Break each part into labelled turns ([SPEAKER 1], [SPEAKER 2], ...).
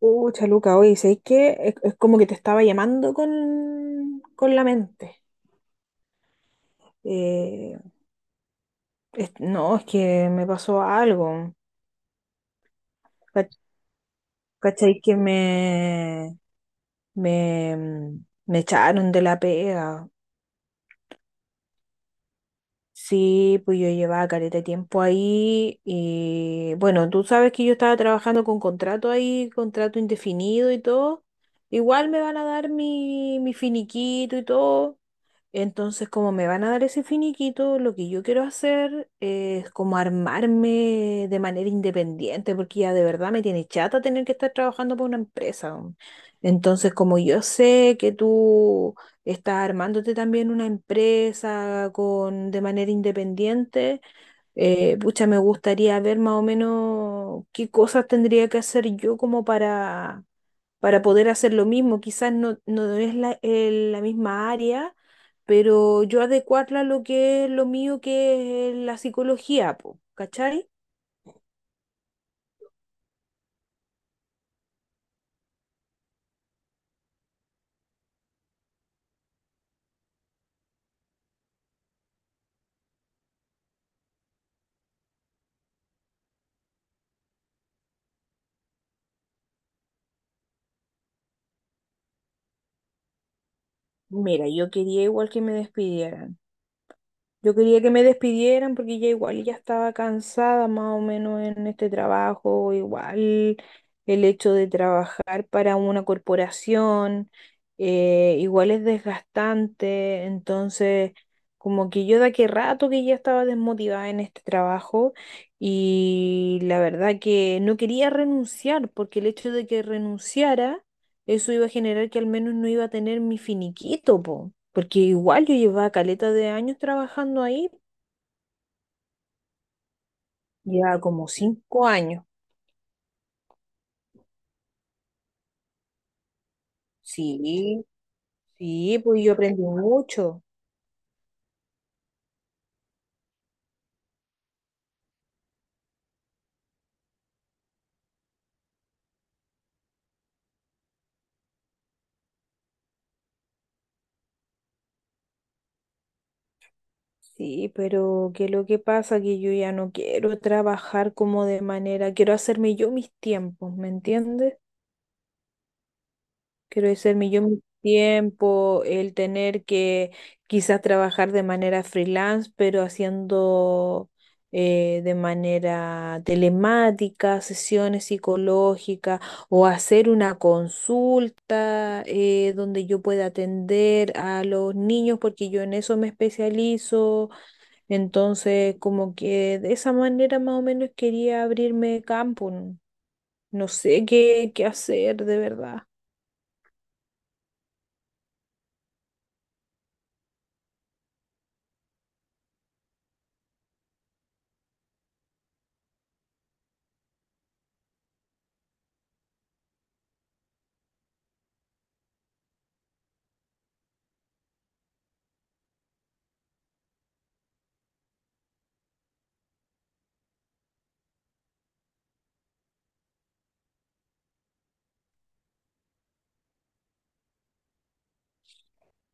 [SPEAKER 1] Pucha, Luca, oye, ¿sabéis qué? Es como que te estaba llamando con la mente. Eh, no, es que me pasó algo. Ca- ¿Cachai? Que me, me echaron de la pega. Sí, pues yo llevaba careta de tiempo ahí y bueno, tú sabes que yo estaba trabajando con contrato ahí, contrato indefinido y todo. Igual me van a dar mi finiquito y todo. Entonces, como me van a dar ese finiquito, lo que yo quiero hacer es como armarme de manera independiente, porque ya de verdad me tiene chata tener que estar trabajando para una empresa, weón. Entonces, como yo sé que tú estás armándote también una empresa de manera independiente, pucha, me gustaría ver más o menos qué cosas tendría que hacer yo como para poder hacer lo mismo. Quizás no es la misma área, pero yo adecuarla a lo que es lo mío, que es la psicología, po, ¿cachai? Mira, yo quería igual que me despidieran. Yo quería que me despidieran porque ya igual ya estaba cansada más o menos en este trabajo, igual el hecho de trabajar para una corporación, igual es desgastante, entonces como que yo de aquel rato que ya estaba desmotivada en este trabajo y la verdad que no quería renunciar porque el hecho de que renunciara eso iba a generar que al menos no iba a tener mi finiquito, po, porque igual yo llevaba caleta de años trabajando ahí, ya como 5 años. Sí, sí, pues yo aprendí mucho. Sí, pero que lo que pasa que yo ya no quiero trabajar como de manera, quiero hacerme yo mis tiempos, ¿me entiendes? Quiero decirme yo mi tiempo, el tener que quizás trabajar de manera freelance, pero haciendo, de manera telemática, sesiones psicológicas o hacer una consulta, donde yo pueda atender a los niños, porque yo en eso me especializo. Entonces, como que de esa manera más o menos quería abrirme campo. No No sé qué hacer de verdad.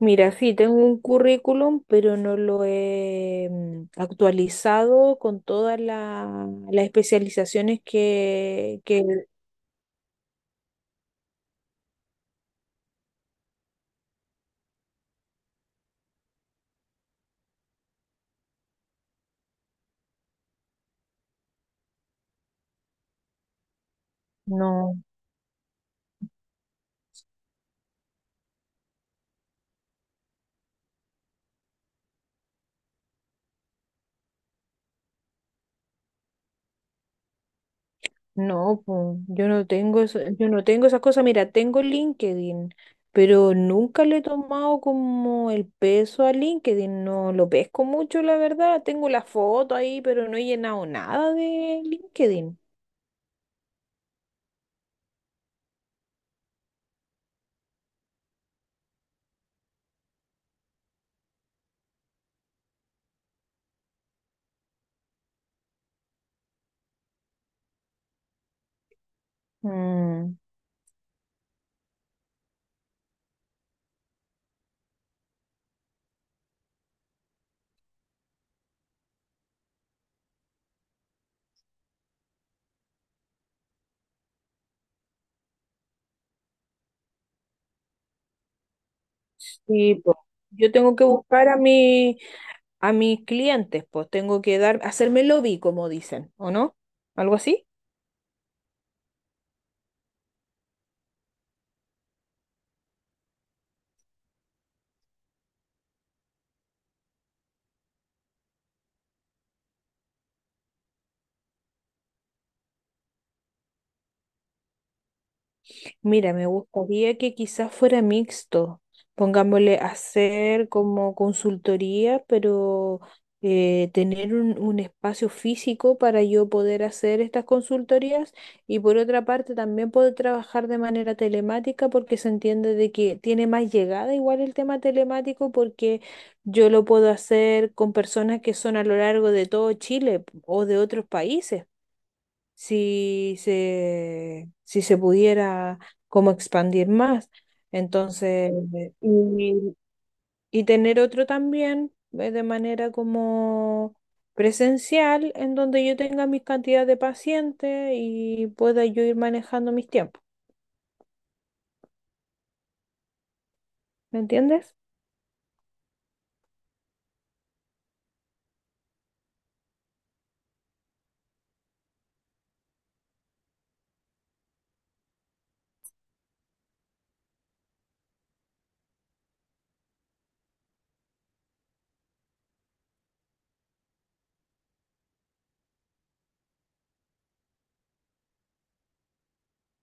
[SPEAKER 1] Mira, sí, tengo un currículum, pero no lo he actualizado con todas las especializaciones que. No, no, po, yo no tengo eso, yo no tengo esas cosas. Mira, tengo LinkedIn, pero nunca le he tomado como el peso a LinkedIn, no lo pesco mucho, la verdad. Tengo la foto ahí, pero no he llenado nada de LinkedIn. Mm, sí, po. Yo tengo que buscar a mi a mis clientes, pues tengo que dar, hacerme lobby, como dicen, ¿o no? ¿Algo así? Mira, me gustaría que quizás fuera mixto. Pongámosle hacer como consultoría, pero, tener un espacio físico para yo poder hacer estas consultorías y por otra parte también poder trabajar de manera telemática porque se entiende de que tiene más llegada igual el tema telemático porque yo lo puedo hacer con personas que son a lo largo de todo Chile o de otros países si se pudiera como expandir más. Entonces, y tener otro también, de manera como presencial, en donde yo tenga mis cantidades de pacientes y pueda yo ir manejando mis tiempos. ¿Me entiendes?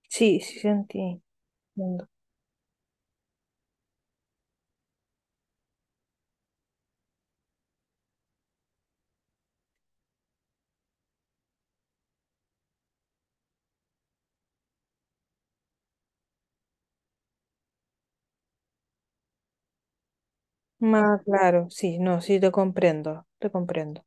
[SPEAKER 1] Sí, sí, sentí. Entiendo. Más claro, sí, no, sí, te comprendo, te comprendo.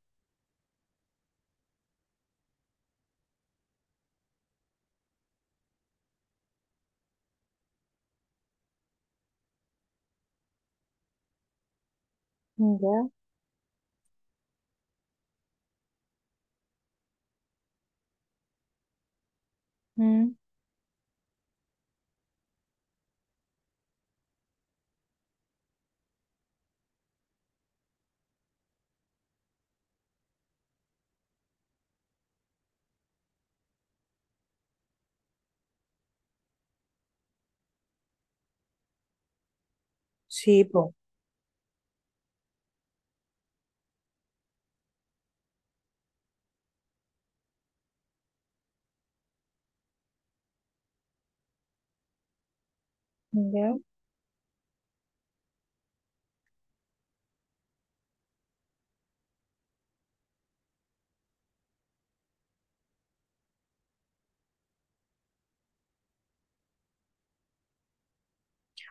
[SPEAKER 1] Ya. Mm, sí, po. Ya.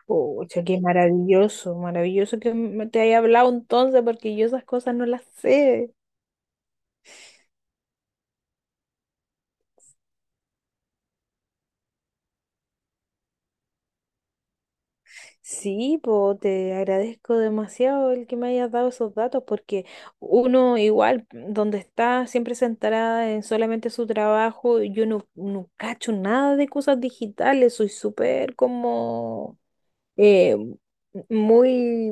[SPEAKER 1] Pucha, qué maravilloso, maravilloso que me te haya hablado entonces, porque yo esas cosas no las sé. Sí, po, te agradezco demasiado el que me hayas dado esos datos, porque uno igual, donde está siempre centrada en solamente su trabajo, yo no cacho nada de cosas digitales, soy súper como, eh, muy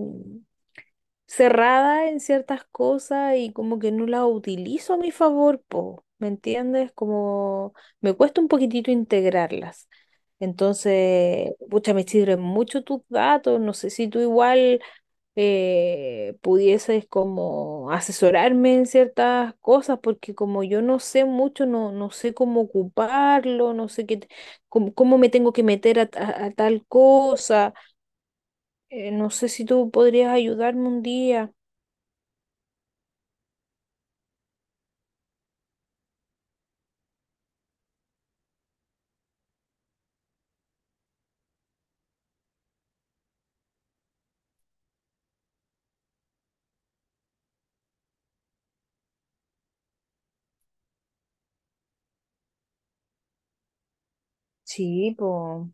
[SPEAKER 1] cerrada en ciertas cosas y como que no la utilizo a mi favor, po, ¿me entiendes? Como me cuesta un poquitito integrarlas. Entonces, pucha, me sirven mucho tus datos, no sé si tú igual, pudieses como asesorarme en ciertas cosas, porque como yo no sé mucho, no sé cómo ocuparlo, no sé qué, cómo me tengo que meter a tal cosa, no sé si tú podrías ayudarme un día. Sí, po.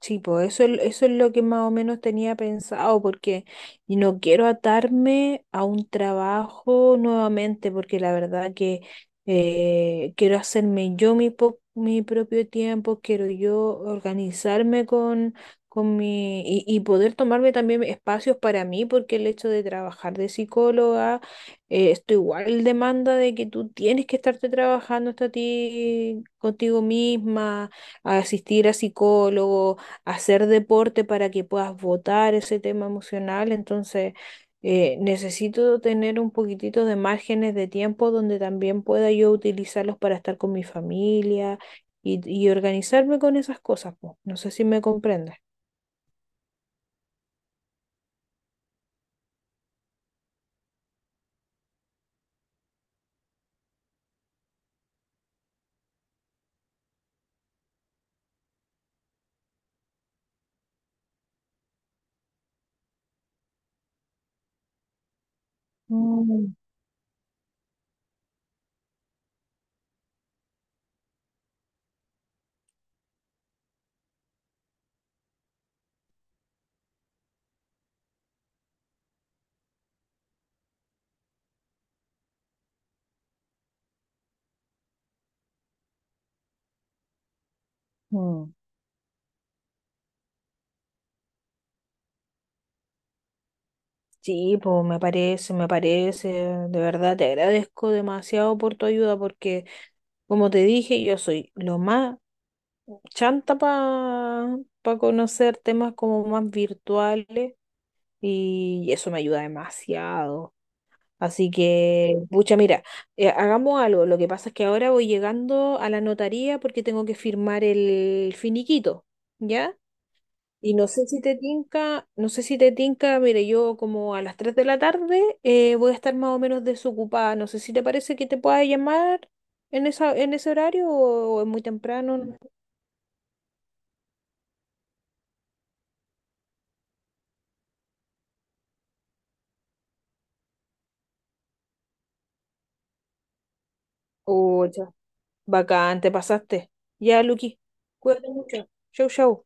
[SPEAKER 1] Sí, pues eso, eso es lo que más o menos tenía pensado, porque no quiero atarme a un trabajo nuevamente, porque la verdad que, quiero hacerme yo mi propio tiempo, quiero yo organizarme con mi y poder tomarme también espacios para mí, porque el hecho de trabajar de psicóloga, esto igual demanda de que tú tienes que estarte trabajando hasta ti, contigo misma, asistir a psicólogos hacer deporte para que puedas votar ese tema emocional. Entonces, necesito tener un poquitito de márgenes de tiempo donde también pueda yo utilizarlos para estar con mi familia y organizarme con esas cosas, po. No sé si me comprendes. Mm, mm. Sí, pues me parece, de verdad te agradezco demasiado por tu ayuda porque, como te dije, yo soy lo más chanta para conocer temas como más virtuales. Y eso me ayuda demasiado. Así que, pucha, mira, hagamos algo. Lo que pasa es que ahora voy llegando a la notaría porque tengo que firmar el finiquito, ¿ya? Y no sé si te tinca, no sé si te tinca, mire, yo como a las 3 de la tarde, voy a estar más o menos desocupada. No sé si te parece que te pueda llamar en ese horario o, es muy temprano. No sé. Oh, ya. Bacán, te pasaste. Ya, Luqui, cuídate mucho. Chau, chau.